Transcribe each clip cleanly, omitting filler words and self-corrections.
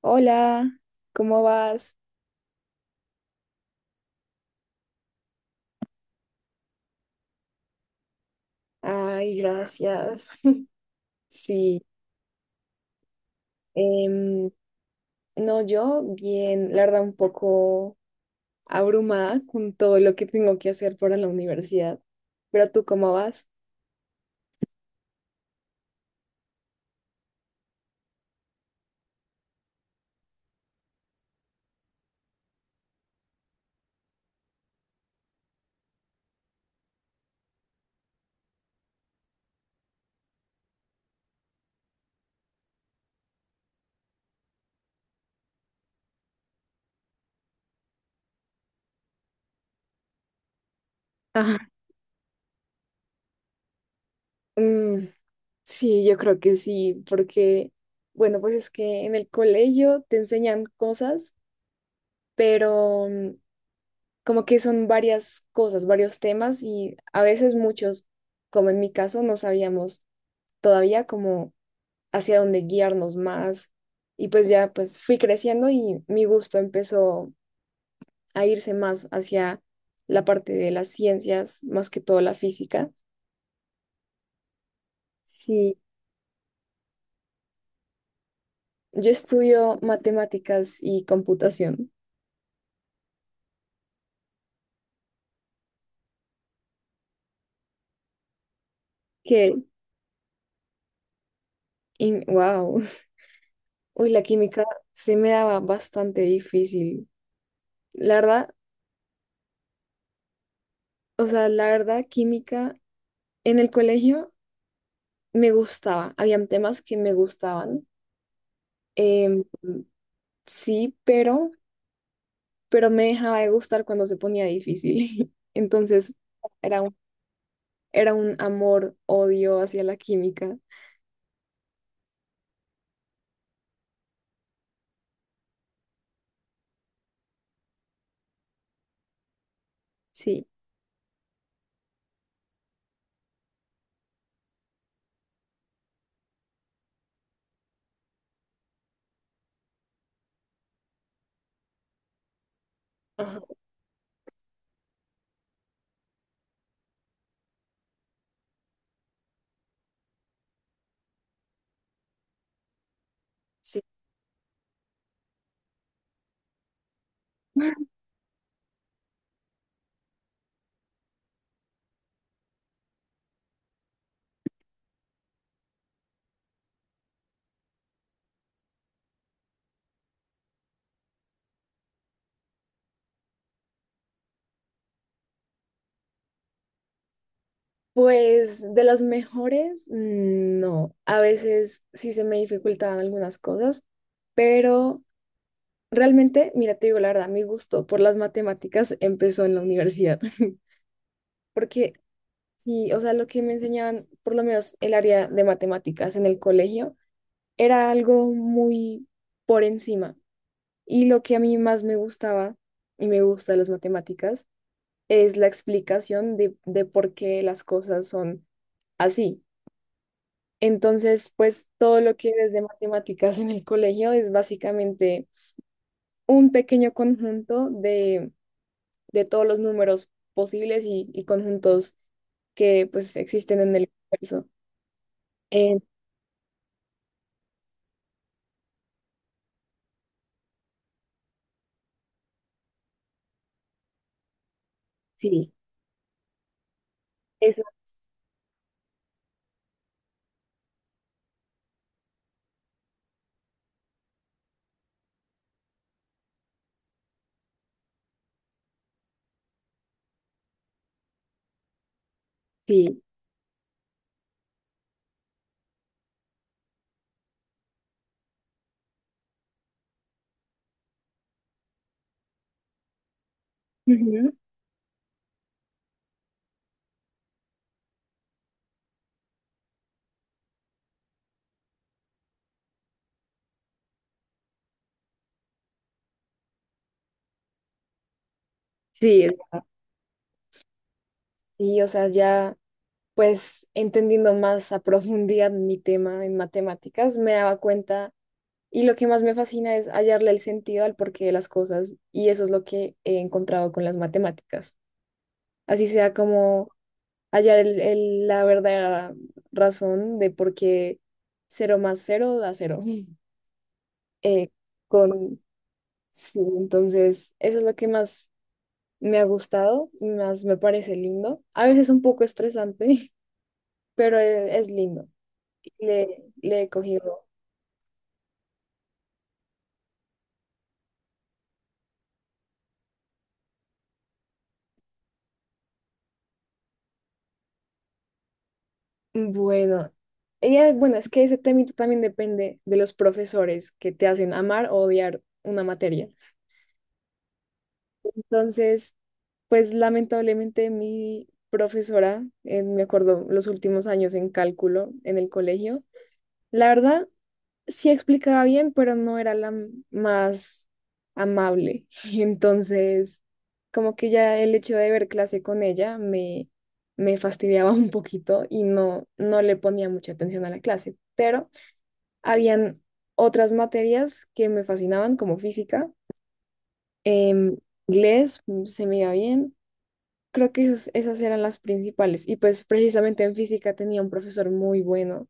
Hola, ¿cómo vas? Ay, gracias. Sí, em, no, yo bien, la verdad, un poco abrumada con todo lo que tengo que hacer para la universidad. Pero tú, ¿cómo vas? Ajá. Mm, sí, yo creo que sí, porque, bueno, pues es que en el colegio te enseñan cosas, pero como que son varias cosas, varios temas y a veces muchos, como en mi caso, no sabíamos todavía como hacia dónde guiarnos más. Y pues ya pues fui creciendo y mi gusto empezó a irse más hacia la parte de las ciencias, más que todo la física. Sí, yo estudio matemáticas y computación, que, wow, uy, la química se me daba bastante difícil. La verdad, o sea, la verdad, química en el colegio me gustaba, habían temas que me gustaban. em, sí, pero me dejaba de gustar cuando se ponía difícil. Entonces, era un, era un amor-odio hacia la química. Sí. Ajá, sí. Pues de las mejores, mm, no. A veces sí se me dificultaban algunas cosas, pero realmente, mira, te digo la verdad, mi gusto por las matemáticas empezó en la universidad. Porque sí, o sea, lo que me enseñaban, por lo menos el área de matemáticas en el colegio, era algo muy por encima. Y lo que a mí más me gustaba y me gusta de las matemáticas es la explicación de por qué las cosas son así. Entonces, pues todo lo que ves de matemáticas en el colegio es básicamente un pequeño conjunto de todos los números posibles y conjuntos que pues existen en el universo. Eh, sí, eso sí. Ujú. Sí, es verdad. Sí, o sea, ya pues entendiendo más a profundidad mi tema en matemáticas, me daba cuenta y lo que más me fascina es hallarle el sentido al porqué de las cosas y eso es lo que he encontrado con las matemáticas. Así sea como hallar la verdadera razón de por qué cero más cero da cero. Eh, con, sí, entonces eso es lo que más me ha gustado, más me parece lindo. A veces un poco estresante, pero es lindo. Le he cogido. Bueno, bueno, es que ese temito también depende de los profesores que te hacen amar o odiar una materia. Entonces, pues lamentablemente mi profesora, me acuerdo los últimos años en cálculo en el colegio, la verdad sí explicaba bien, pero no era más amable. Entonces, como que ya el hecho de ver clase con ella me fastidiaba un poquito y no, no le ponía mucha atención a la clase, pero... habían otras materias que me fascinaban, como física, em, inglés, mm, se me iba bien. Creo que esas, esas eran las principales. Y pues precisamente en física tenía un profesor muy bueno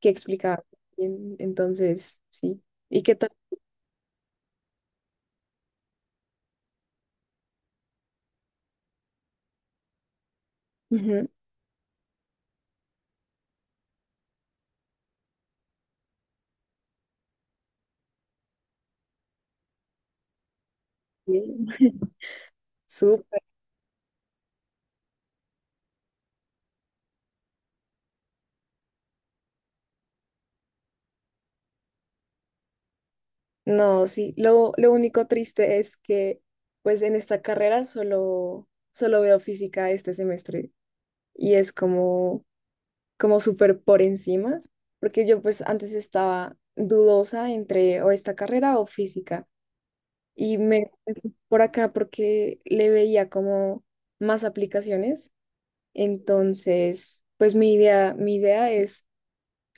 que explicaba bien. Entonces, sí. ¿Y qué tal? Ujú. Bien. Súper. No, sí. Lo único triste es que, pues en esta carrera solo veo física este semestre. Y es como súper por encima, porque yo pues antes estaba dudosa entre o esta carrera o física y me fui por acá porque le veía como más aplicaciones, entonces pues mi idea es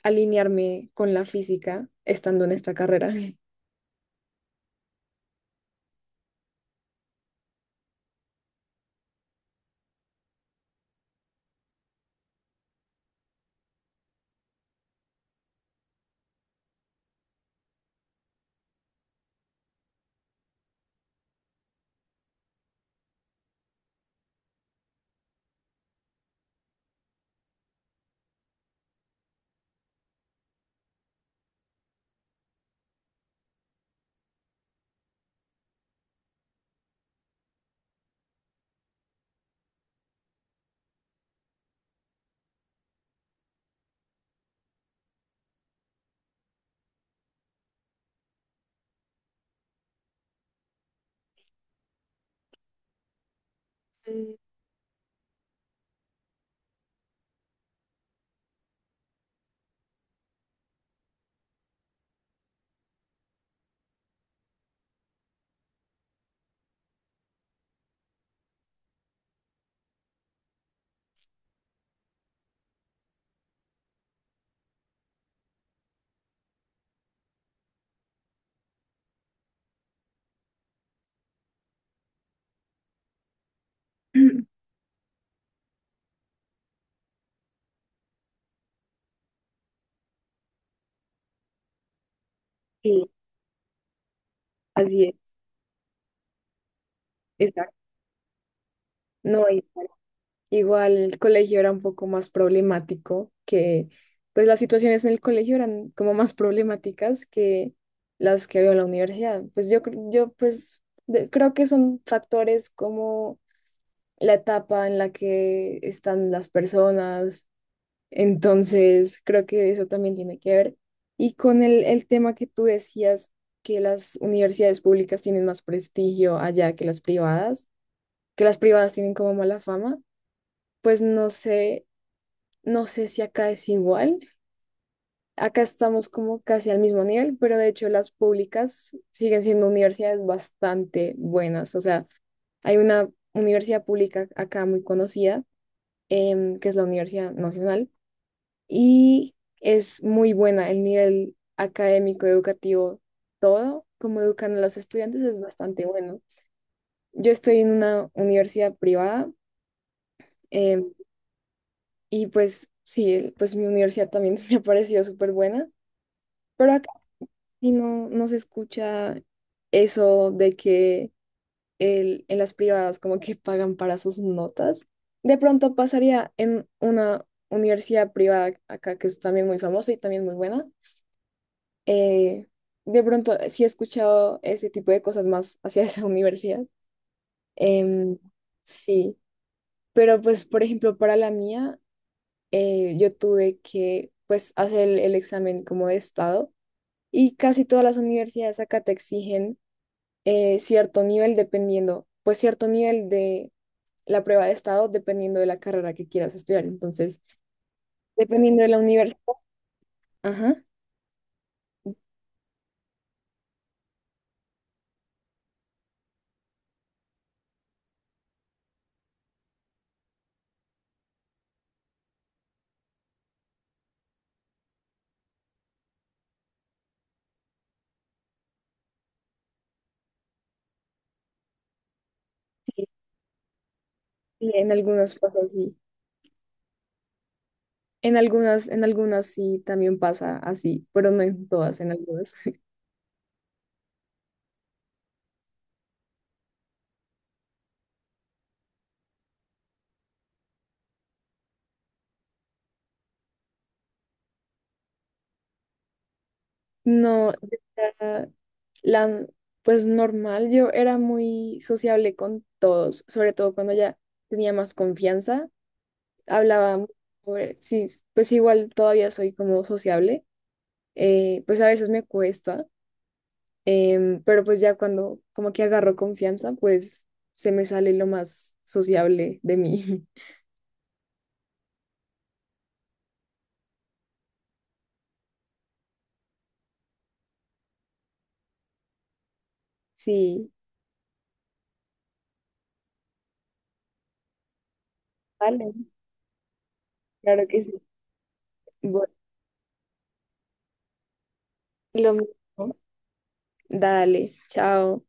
alinearme con la física estando en esta carrera. Mm. Sí, así es, exacto. No hay. Igual el colegio era un poco más problemático, que pues las situaciones en el colegio eran como más problemáticas que las que había en la universidad. Pues yo, cre- yo pues de- creo que son factores como la etapa en la que están las personas, entonces creo que eso también tiene que ver. Y con el tema que tú decías, que las universidades públicas tienen más prestigio allá que las privadas tienen como mala fama. Pues no sé, no sé si acá es igual. Acá estamos como casi al mismo nivel, pero de hecho las públicas siguen siendo universidades bastante buenas. O sea, hay una universidad pública acá muy conocida, que es la Universidad Nacional, y es muy buena el nivel académico, educativo, todo, como educan a los estudiantes es bastante bueno. Yo estoy en una universidad privada, em, y pues sí, pues mi universidad también me ha parecido súper buena. Pero acá y no, no se escucha eso de que en las privadas como que pagan para sus notas. De pronto pasaría en una universidad privada acá que es también muy famosa y también muy buena. Eh, de pronto sí he escuchado ese tipo de cosas más hacia esa universidad. Em, sí, pero pues por ejemplo para la mía yo tuve que pues hacer el examen como de estado. Y casi todas las universidades acá te exigen cierto nivel dependiendo, pues cierto nivel de la prueba de estado dependiendo de la carrera que quieras estudiar. Entonces, dependiendo de la universidad, ajá, sí, sí, en algunas pasa así. En algunas sí también pasa así, pero no en todas, en algunas. No, yo era la, pues normal, yo era muy sociable con todos, sobre todo cuando ya tenía más confianza, hablaba, mu- sí, pues igual todavía soy como sociable, pues a veces me cuesta, pero pues ya cuando como que agarro confianza, pues se me sale lo más sociable de mí. Sí, vale, claro que sí. Bueno, lo mismo. Dale, chao.